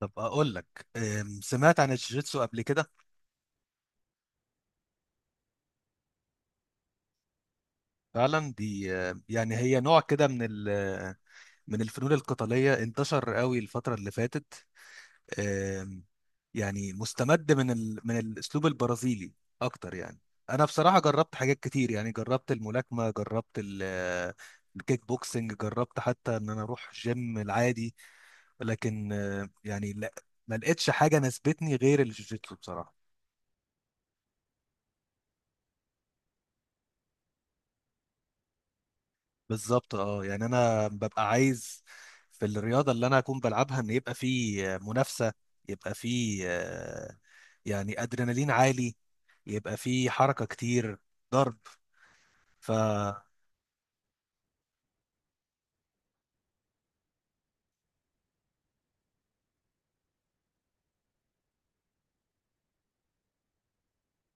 طب اقول لك سمعت عن الجيجيتسو قبل كده. فعلا دي يعني هي نوع كده من الفنون القتاليه انتشر قوي الفتره اللي فاتت. أم، يعني مستمد من الاسلوب البرازيلي اكتر يعني. انا بصراحه جربت حاجات كتير، يعني جربت الملاكمه، جربت الكيك بوكسنج، جربت حتى ان انا اروح جيم العادي، لكن يعني لا، ما لقيتش حاجه ناسبتني غير الجيجيتسو بصراحه. بالظبط اه، يعني انا ببقى عايز في الرياضه اللي انا اكون بلعبها ان يبقى في منافسه، يبقى في يعني ادرينالين عالي، يبقى في حركه كتير، ضرب. ف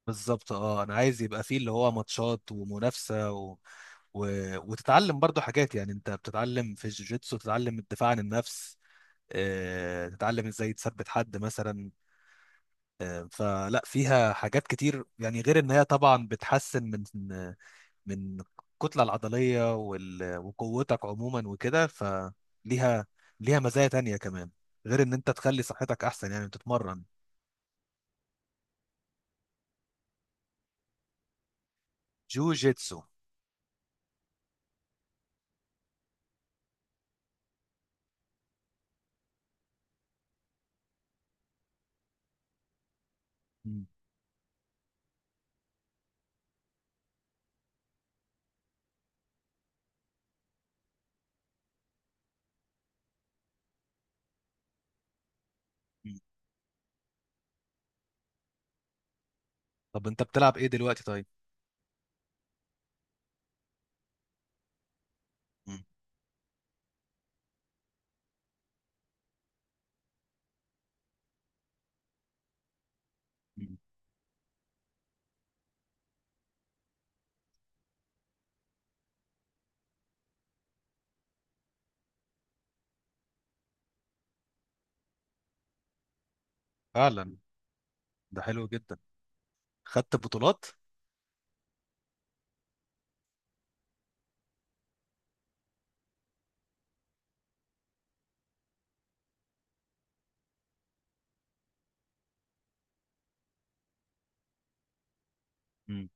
بالظبط اه، انا عايز يبقى فيه اللي هو ماتشات ومنافسه و... وتتعلم برضو حاجات. يعني انت بتتعلم في الجوجيتسو، تتعلم الدفاع عن النفس، تتعلم ازاي تثبت حد مثلا. فلا، فيها حاجات كتير يعني، غير ان هي طبعا بتحسن من من الكتلة العضلية وقوتك عموما وكده. ليها مزايا تانية كمان غير ان انت تخلي صحتك احسن يعني تتمرن. جوجيتسو. مم. مم. طب انت بتلعب ايه دلوقتي طيب؟ مم. مم. فعلا. ده حلو جدا. خدت بطولات؟ مم.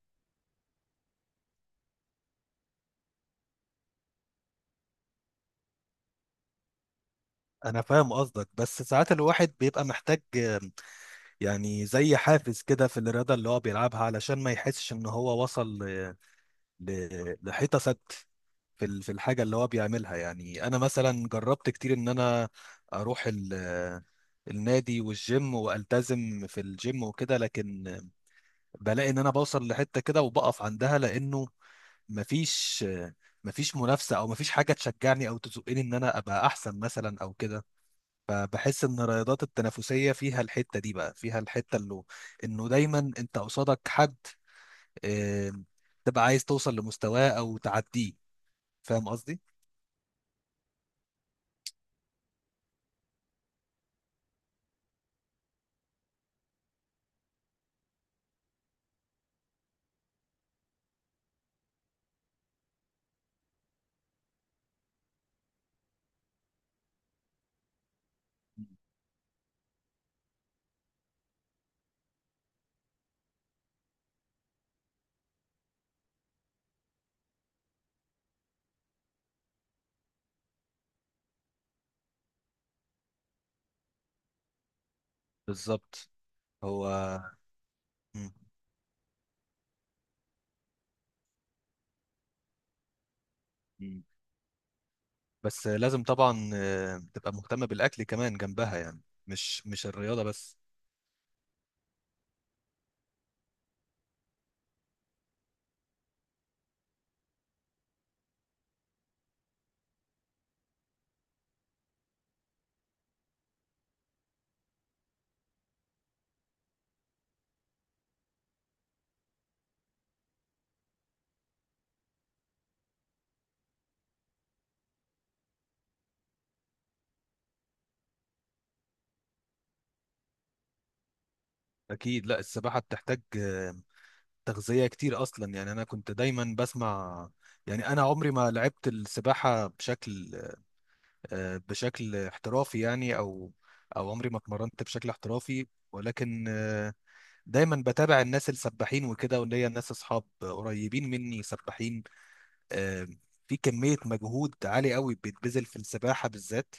انا فاهم قصدك، بس ساعات الواحد بيبقى محتاج يعني زي حافز كده في الرياضة اللي هو بيلعبها، علشان ما يحسش ان هو وصل لحيطة سد في في الحاجه اللي هو بيعملها. يعني انا مثلا جربت كتير ان انا اروح النادي والجيم والتزم في الجيم وكده، لكن بلاقي ان انا بوصل لحته كده وبقف عندها، لانه مفيش مفيش منافسه او مفيش حاجه تشجعني او تزقني ان انا ابقى احسن مثلا او كده. فبحس ان الرياضات التنافسيه فيها الحته دي، بقى فيها الحته اللي انه دايما انت قصادك حد، آه، تبقى عايز توصل لمستواه او تعديه. فاهم قصدي؟ بالظبط. هو مم. مم. بس لازم طبعا تبقى مهتمة بالأكل كمان جنبها، يعني مش الرياضة بس. أكيد، لا السباحة بتحتاج تغذية كتير أصلا. يعني أنا كنت دايما بسمع، يعني أنا عمري ما لعبت السباحة بشكل بشكل احترافي يعني، أو عمري ما اتمرنت بشكل احترافي، ولكن دايما بتابع الناس السباحين وكده، وليا ناس أصحاب قريبين مني سباحين. آه، في كمية مجهود عالي قوي بيتبذل في السباحة بالذات،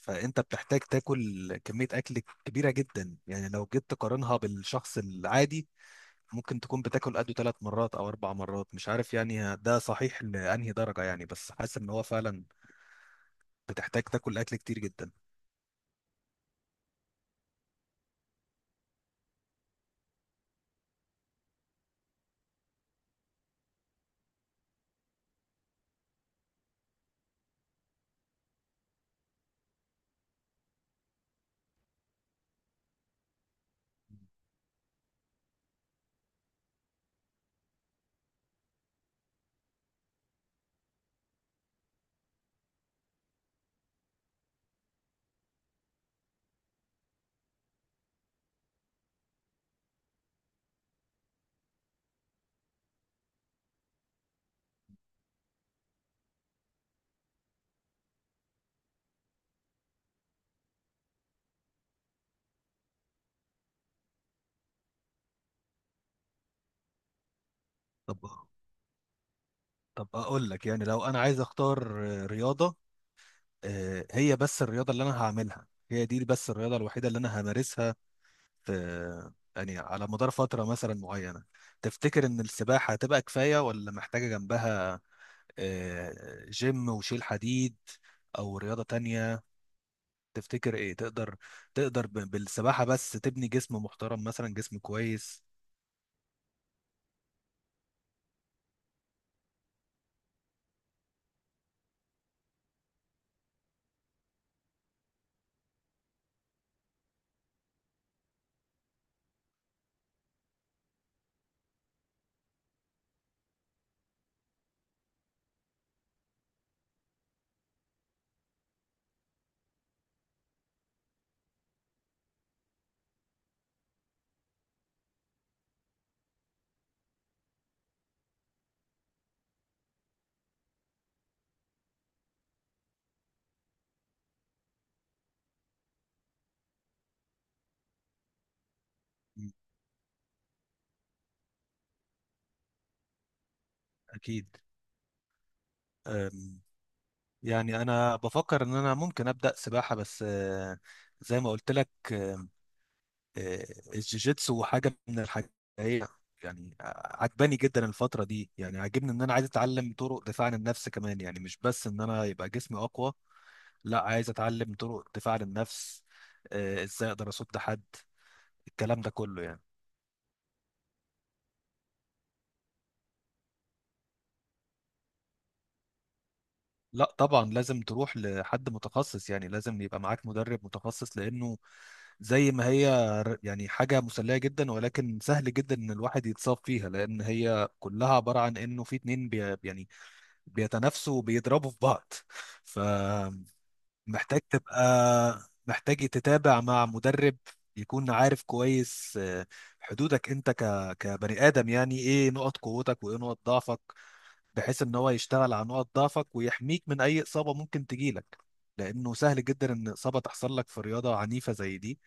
فانت بتحتاج تاكل كميه اكل كبيره جدا. يعني لو جيت تقارنها بالشخص العادي، ممكن تكون بتاكل قده ثلاث مرات او اربع مرات، مش عارف يعني ده صحيح لانهي درجه، يعني بس حاسس ان هو فعلا بتحتاج تاكل اكل كتير جدا. طب طب اقول لك، يعني لو انا عايز اختار رياضه، هي بس الرياضه اللي انا هعملها، هي دي بس الرياضه الوحيده اللي انا همارسها في، يعني على مدار فتره مثلا معينه، تفتكر ان السباحه هتبقى كفايه ولا محتاجه جنبها جيم وشيل حديد او رياضة تانية؟ تفتكر ايه؟ تقدر بالسباحة بس تبني جسم محترم، مثلا جسم كويس؟ م، اكيد. أم، يعني انا بفكر ان انا ممكن ابدا سباحة، بس زي ما قلت لك، آه، الجيجيتسو حاجة من الحاجات، هي يعني عجباني جدا الفترة دي. يعني عاجبني ان انا عايز اتعلم طرق دفاع عن النفس كمان، يعني مش بس ان انا يبقى جسمي اقوى، لا، عايز اتعلم طرق دفاع عن النفس، ازاي اقدر اصد حد، الكلام ده كله يعني. لا طبعا، لازم تروح لحد متخصص، يعني لازم يبقى معاك مدرب متخصص، لانه زي ما هي يعني حاجة مسلية جدا، ولكن سهل جدا ان الواحد يتصاب فيها، لان هي كلها عبارة عن انه في اتنين بي يعني بيتنافسوا وبيضربوا في بعض ف محتاج تبقى محتاج تتابع مع مدرب يكون عارف كويس حدودك انت كبني ادم. يعني ايه نقط قوتك وايه نقط ضعفك، بحيث ان هو يشتغل على نقط ضعفك ويحميك من اي اصابه ممكن تجيلك، لانه سهل جدا ان اصابه تحصل لك في رياضه عنيفه زي دي،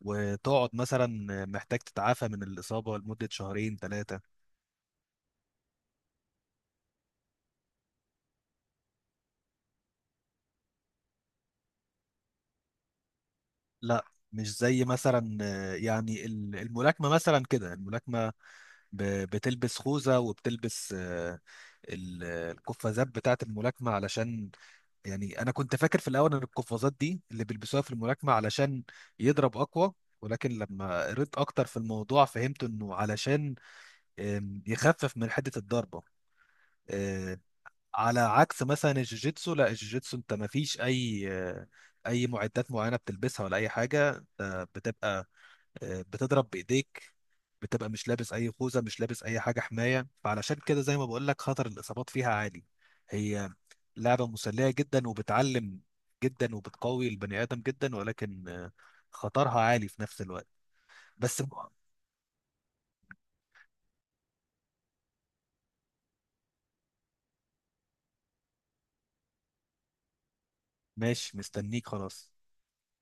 وتقعد مثلا محتاج تتعافى من الاصابه لمده شهرين ثلاثه. لا، مش زي مثلا يعني الملاكمه مثلا كده، الملاكمه بتلبس خوذة وبتلبس القفازات بتاعة الملاكمة علشان، يعني أنا كنت فاكر في الأول إن القفازات دي اللي بيلبسوها في الملاكمة علشان يضرب أقوى، ولكن لما قريت أكتر في الموضوع فهمت إنه علشان يخفف من حدة الضربة. آه، على عكس مثلا الجوجيتسو، لا الجوجيتسو أنت مفيش أي أي معدات معينة بتلبسها ولا أي حاجة، بتبقى بتضرب بإيديك، بتبقى مش لابس اي خوذه مش لابس اي حاجه حمايه، فعلشان كده زي ما بقول لك خطر الاصابات فيها عالي. هي لعبه مسليه جدا وبتعلم جدا وبتقوي البني ادم جدا، ولكن خطرها عالي في نفس الوقت. بس، ماشي مستنيك خلاص.